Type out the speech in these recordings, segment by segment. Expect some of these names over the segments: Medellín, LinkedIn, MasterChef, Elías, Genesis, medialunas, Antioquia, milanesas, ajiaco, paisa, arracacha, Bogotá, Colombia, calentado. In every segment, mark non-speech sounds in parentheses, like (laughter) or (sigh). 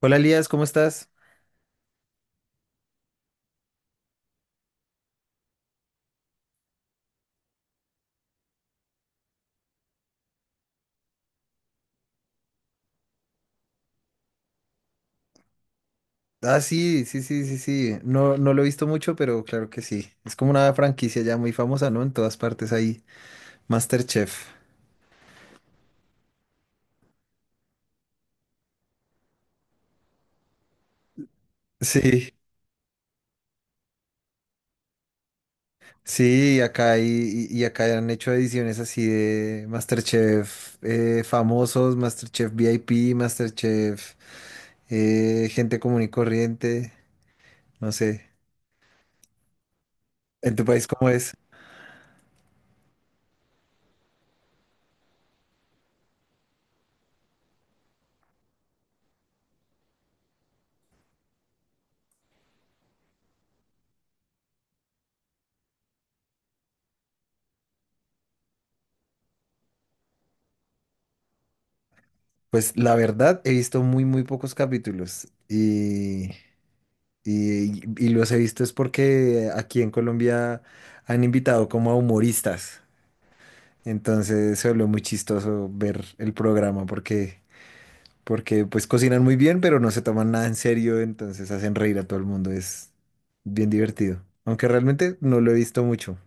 Hola Elías, ¿cómo estás? Ah, sí, sí, sí, sí, sí. No, no lo he visto mucho, pero claro que sí. Es como una franquicia ya muy famosa, ¿no? En todas partes hay MasterChef. Sí, sí, acá hay, y acá han hecho ediciones así de MasterChef famosos, MasterChef VIP, MasterChef gente común y corriente, no sé. ¿En tu país cómo es? Pues la verdad, he visto muy, muy pocos capítulos y... Y, y los he visto es porque aquí en Colombia han invitado como a humoristas. Entonces se volvió muy chistoso ver el programa porque, porque pues cocinan muy bien, pero no se toman nada en serio, entonces hacen reír a todo el mundo. Es bien divertido. Aunque realmente no lo he visto mucho.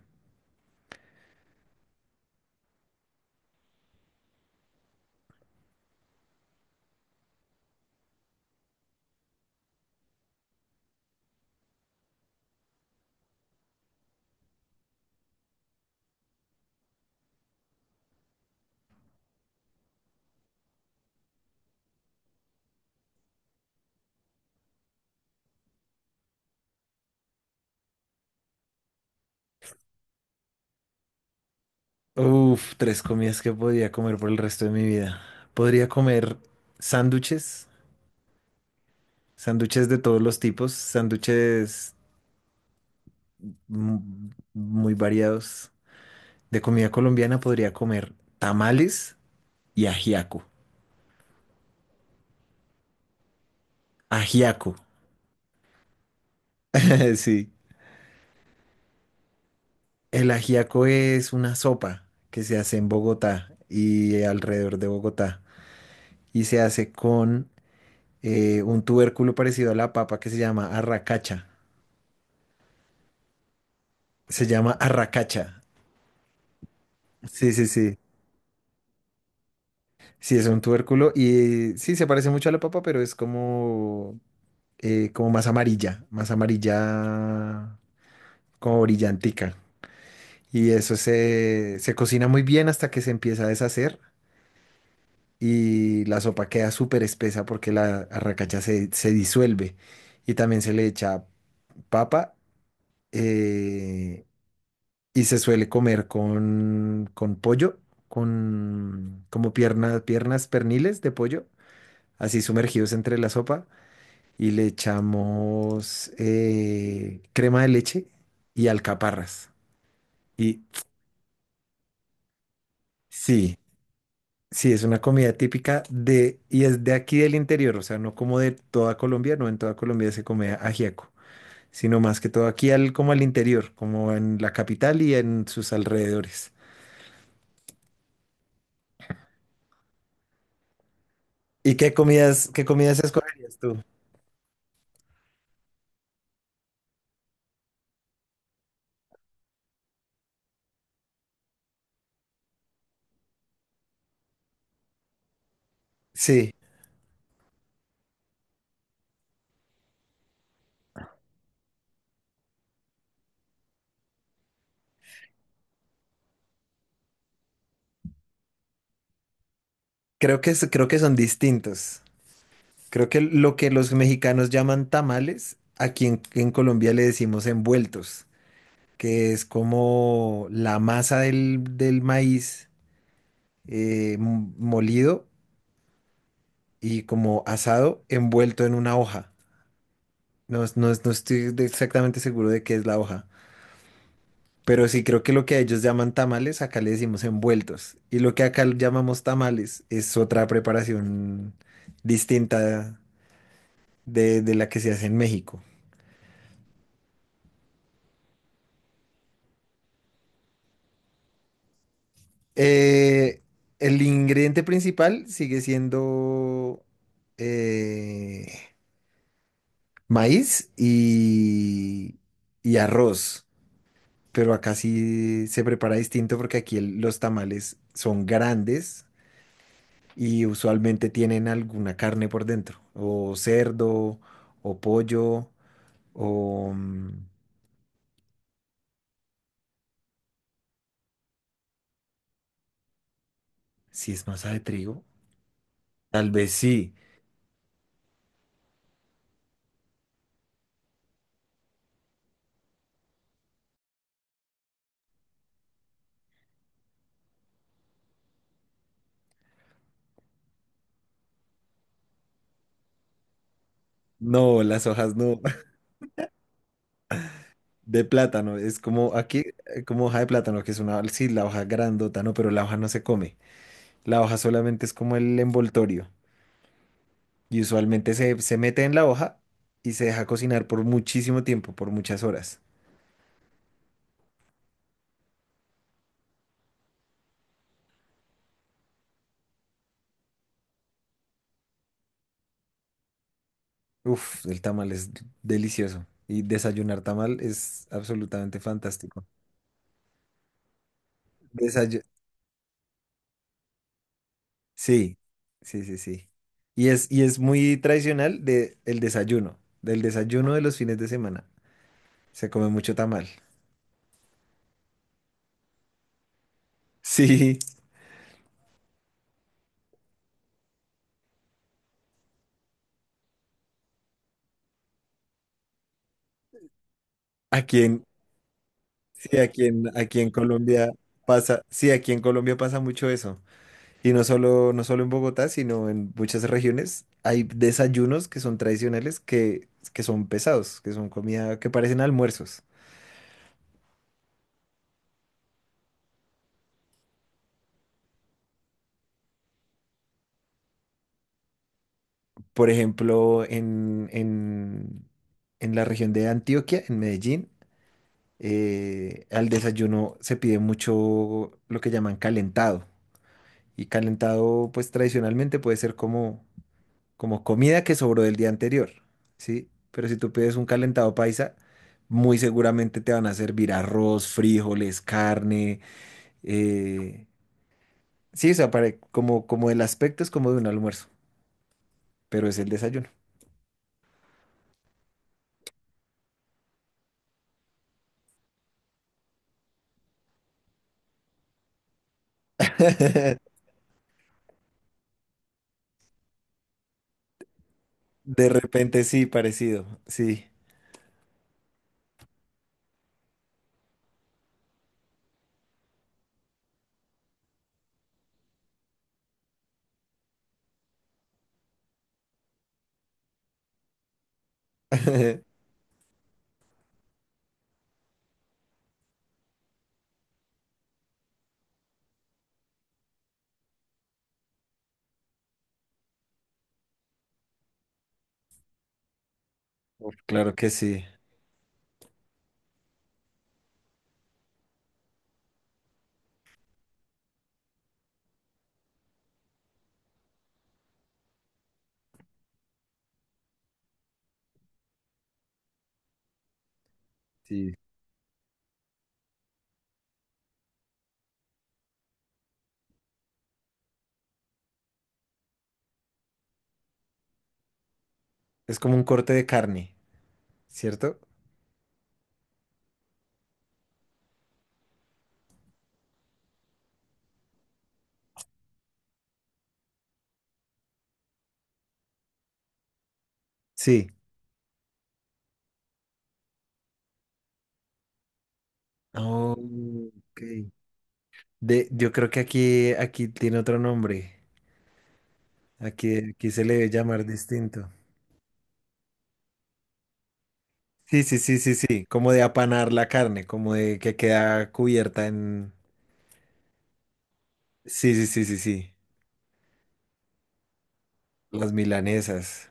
Uf, tres comidas que podría comer por el resto de mi vida. Podría comer sándwiches, sándwiches de todos los tipos, mm, muy variados. De comida colombiana podría comer tamales y ajiaco. Ajiaco, (laughs) sí. El ajiaco es una sopa que se hace en Bogotá y alrededor de Bogotá. Y se hace con un tubérculo parecido a la papa que se llama arracacha. Se llama arracacha. Sí, sí, sí. Sí, es un tubérculo y sí, se parece mucho a la papa, pero es como, como más amarilla, como brillantica. Y eso se, se cocina muy bien hasta que se empieza a deshacer y la sopa queda súper espesa porque la arracacha se, se disuelve. Y también se le echa papa eh, y se suele comer con pollo, con como piernas, piernas perniles de pollo, así sumergidos entre la sopa. Y le echamos crema de leche y alcaparras. Y sí. Sí, es una comida típica de, y es de aquí del interior, o sea, no como de toda Colombia, no en toda Colombia se come ajiaco, sino más que todo aquí al, como al interior, como en la capital y en sus alrededores. ¿Y qué comidas escogerías tú? Sí, creo que, creo que son distintos. Creo que lo que los mexicanos llaman tamales, aquí en Colombia le decimos envueltos, que es como la masa del, del maíz molido y como asado envuelto en una hoja. No estoy exactamente seguro de qué es la hoja, pero sí creo que lo que ellos llaman tamales, acá le decimos envueltos. Y lo que acá llamamos tamales es otra preparación distinta de la que se hace en México. Eh, el ingrediente principal sigue siendo eh, maíz y arroz. Pero acá sí se prepara distinto porque aquí los tamales son grandes y usualmente tienen alguna carne por dentro, o cerdo, o pollo, o mm, si es masa de trigo, tal vez sí. No, las hojas no, (laughs) de plátano, es como aquí, como hoja de plátano, que es una, sí, la hoja grandota, no, pero la hoja no se come, la hoja solamente es como el envoltorio y usualmente se, se mete en la hoja y se deja cocinar por muchísimo tiempo, por muchas horas. Uf, el tamal es delicioso. Y desayunar tamal es absolutamente fantástico. Desayu- Sí, sí, sí, sí. Y es muy tradicional de el desayuno, del desayuno de los fines de semana. Se come mucho tamal. (laughs) Sí, aquí en, sí, aquí en, aquí en Colombia pasa, sí, aquí en Colombia pasa mucho eso. Y no solo, no solo en Bogotá, sino en muchas regiones hay desayunos que son tradicionales que son pesados, que son comida, que parecen almuerzos. Por ejemplo, en la región de Antioquia, en Medellín, al desayuno se pide mucho lo que llaman calentado. Y calentado, pues tradicionalmente puede ser como, como comida que sobró del día anterior, ¿sí? Pero si tú pides un calentado paisa, muy seguramente te van a servir arroz, frijoles, carne. eh, sí, o sea, como, como el aspecto es como de un almuerzo, pero es el desayuno. (laughs) De repente sí, parecido, sí. (laughs) Uf, claro que sí, sí. Es como un corte de carne, ¿cierto? Sí. Oh, ok. De, yo creo que aquí, aquí tiene otro nombre. Aquí, aquí se le debe llamar distinto. Sí, sí, sí, sí, sí. Como de apanar la carne, como de que queda cubierta en... Sí, sí, sí, sí, sí. Las milanesas.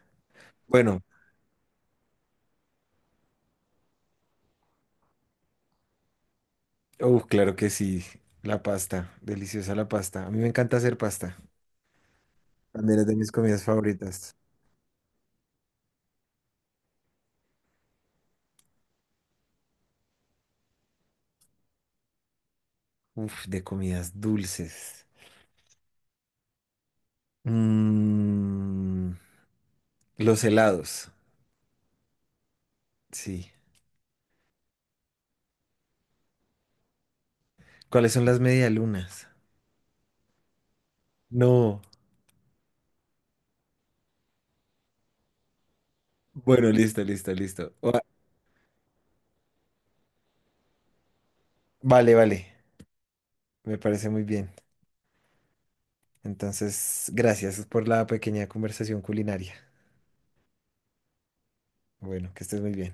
Bueno, uf, claro que sí. La pasta, deliciosa la pasta. A mí me encanta hacer pasta. También es de mis comidas favoritas. Uf, de comidas dulces. Mm, los helados, sí. ¿Cuáles son las medialunas? No. Bueno, listo, listo, listo. Ua- Vale, vale. Me parece muy bien. Entonces, gracias por la pequeña conversación culinaria. Bueno, que estés muy bien.